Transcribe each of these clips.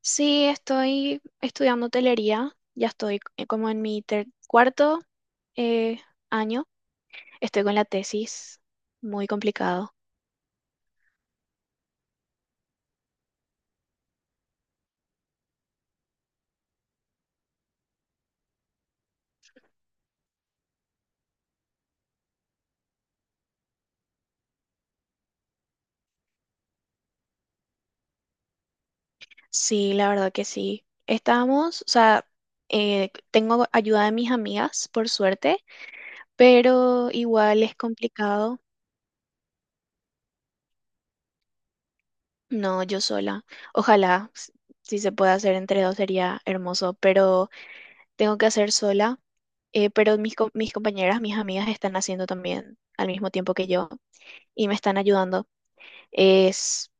Sí, estoy estudiando hotelería, ya estoy como en mi cuarto eh, año, estoy con la tesis, muy complicado. Sí, la verdad que sí. Estamos, o sea, tengo ayuda de mis amigas, por suerte, pero igual es complicado. No, yo sola. Ojalá, si se puede hacer entre dos sería hermoso, pero tengo que hacer sola. Pero mis, mis compañeras, mis amigas están haciendo también al mismo tiempo que yo y me están ayudando. Es,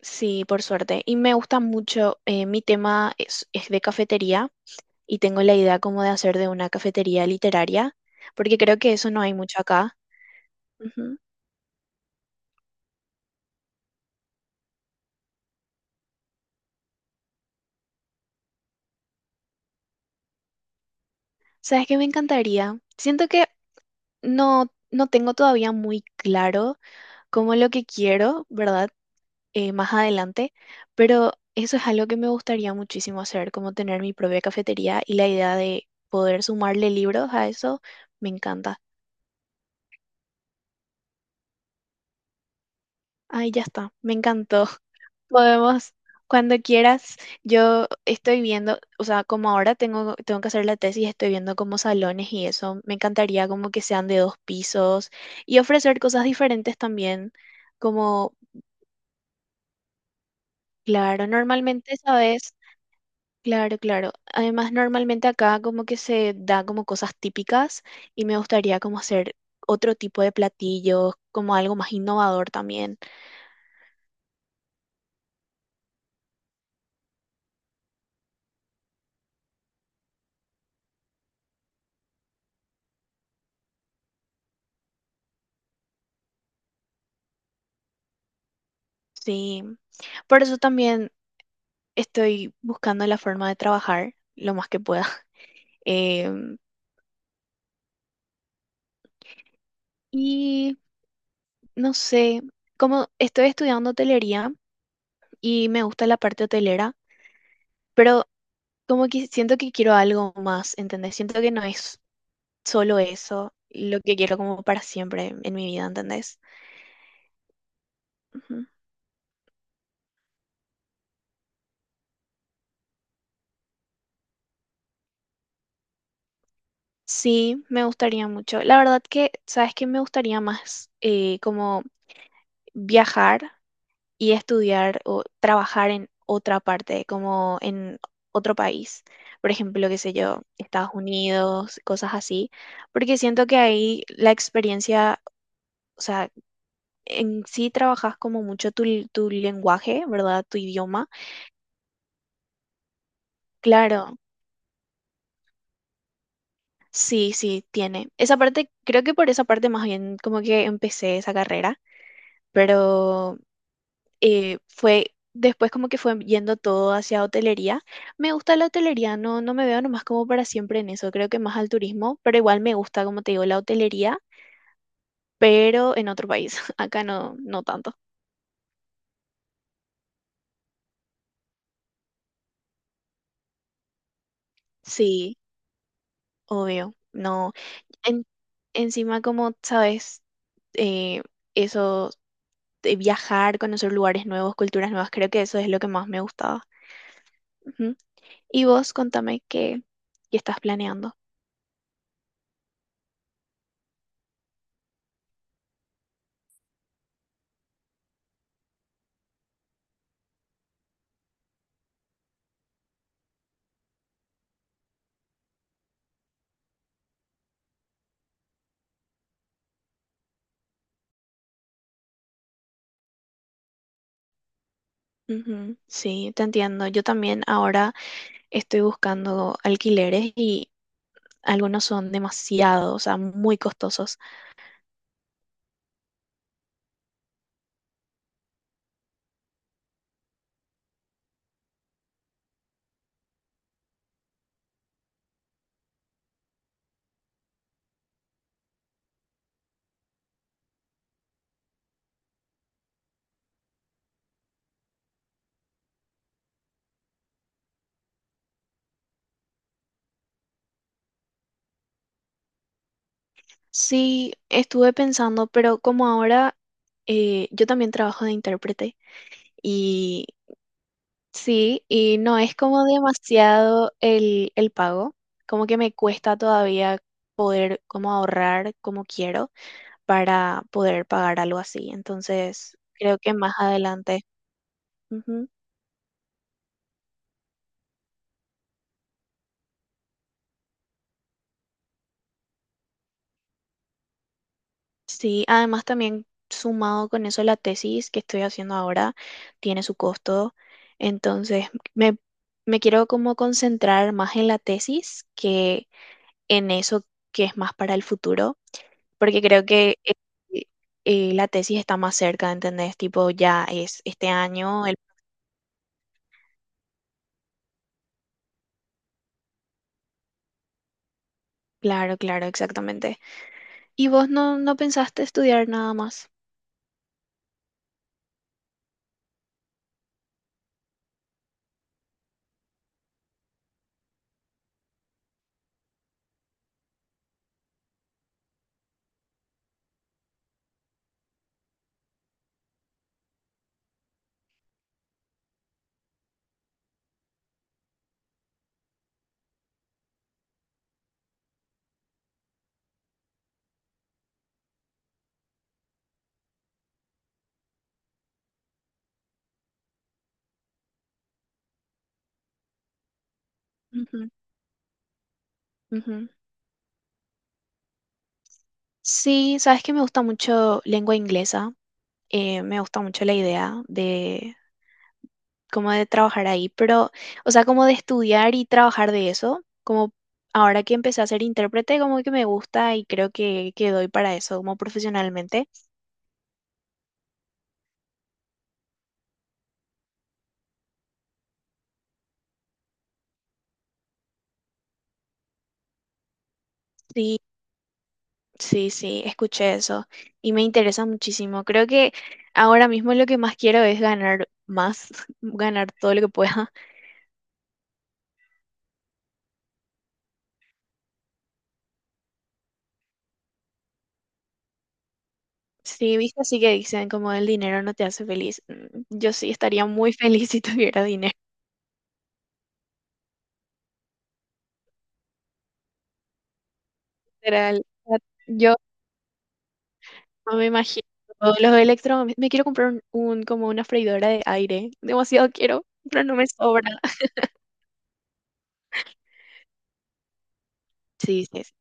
sí, por suerte. Y me gusta mucho, mi tema es de cafetería y tengo la idea como de hacer de una cafetería literaria, porque creo que eso no hay mucho acá. Ujú. ¿Sabes qué me encantaría? Siento que no tengo todavía muy claro como lo que quiero, ¿verdad? Más adelante, pero eso es algo que me gustaría muchísimo hacer, como tener mi propia cafetería y la idea de poder sumarle libros a eso, me encanta. Ay, ya está, me encantó. Podemos, cuando quieras, yo estoy viendo, o sea, como ahora tengo que hacer la tesis, estoy viendo como salones y eso. Me encantaría como que sean de dos pisos y ofrecer cosas diferentes también, como, claro, normalmente, ¿sabes? Claro, claro. Además, normalmente acá como que se da como cosas típicas y me gustaría como hacer otro tipo de platillos, como algo más innovador también. Sí. Por eso también estoy buscando la forma de trabajar lo más que pueda. Em, y no sé, como estoy estudiando hotelería y me gusta la parte hotelera, pero como que siento que quiero algo más, ¿entendés? Siento que no es solo eso, lo que quiero como para siempre en mi vida, ¿entendés? Ujú. Sí, me gustaría mucho. La verdad que, ¿sabes qué? Me gustaría más como viajar y estudiar o trabajar en otra parte, como en otro país. Por ejemplo, qué sé yo, Estados Unidos, cosas así, porque siento que ahí la experiencia, o sea, en sí trabajas como mucho tu lenguaje, ¿verdad? Tu idioma. Claro, sí, sí, tiene. Esa parte, creo que por esa parte más bien como que empecé esa carrera, pero fue, después como que fue yendo todo hacia hotelería. Me gusta la hotelería, no, no me veo nomás como para siempre en eso, creo que más al turismo, pero igual me gusta, como te digo, la hotelería, pero en otro país, acá no, no tanto. Sí, obvio, no. En- Encima, como sabes, eh, eso de viajar, conocer lugares nuevos, culturas nuevas, creo que eso es lo que más me gustaba. Ujú. Y vos, contame qué estás planeando. Ujú, sí, te entiendo. Yo también ahora estoy buscando alquileres y algunos son demasiado, o sea, muy costosos. Sí, estuve pensando, pero como ahora yo también trabajo de intérprete y sí, y no es como demasiado el pago, como que me cuesta todavía poder como ahorrar como quiero para poder pagar algo así. Entonces, creo que más adelante. Sí, además también sumado con eso la tesis que estoy haciendo ahora tiene su costo, entonces me, me quiero como concentrar más en la tesis que en eso que es más para el futuro, porque creo que eh, la tesis está más cerca, ¿entendés? Tipo, ya es este año, el... Claro, claro, exactamente. ¿Y vos no pensaste estudiar nada más? Ujú, ujú. Sí, sabes que me gusta mucho lengua inglesa. Me gusta mucho la idea de como de trabajar ahí, pero, o sea, como de estudiar y trabajar de eso, como ahora que empecé a ser intérprete, como que me gusta y creo que doy para eso, como profesionalmente. Sí, sí, sí, escuché eso y me interesa muchísimo. Creo que ahora mismo lo que más quiero es ganar más, ganar todo lo que pueda. Sí, viste, así que dicen como el dinero no te hace feliz. Mm, yo sí estaría muy feliz si tuviera dinero. Literal. O sea, yo no me imagino. Los electro... Me quiero comprar un, como una freidora de aire. Demasiado quiero, pero no me sobra. Sí, sí, sí.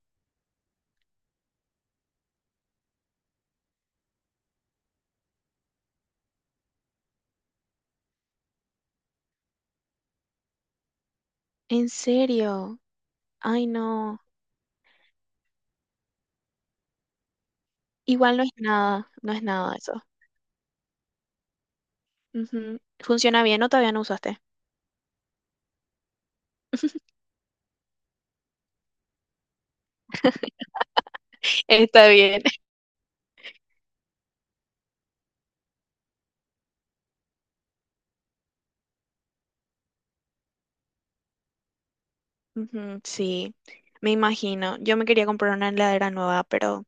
¿En serio? Ay, no. Igual no es nada, no es nada eso. Ujú. ¿Funciona bien o todavía no usaste? Está bien. Ujú, sí, me imagino. Yo me quería comprar una heladera nueva, pero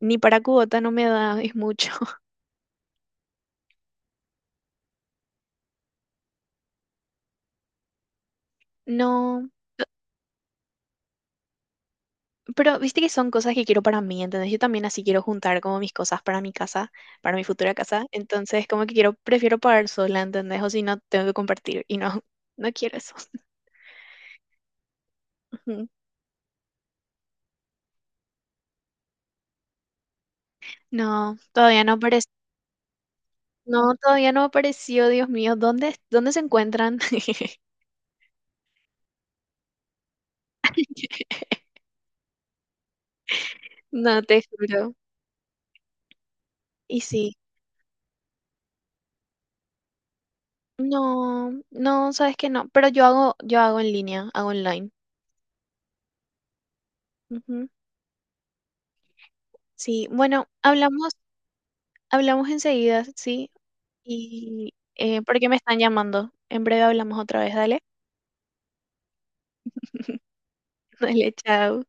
ni para cubota no me da, es mucho. No. Pero viste que son cosas que quiero para mí, ¿entendés? Yo también así quiero juntar como mis cosas para mi casa, para mi futura casa. Entonces, como que quiero, prefiero pagar sola, ¿entendés? O si no, tengo que compartir. Y no, no quiero eso. Ujú. No, todavía no apareció. No, todavía no apareció, Dios mío. ¿Dónde, dónde se encuentran? No, te juro. Y sí. No, no, sabes que no. Pero yo hago en línea, hago online. Ujú. Sí, bueno, hablamos, hablamos enseguida, ¿sí? Y porque me están llamando. En breve hablamos otra vez, dale. Dale, chao.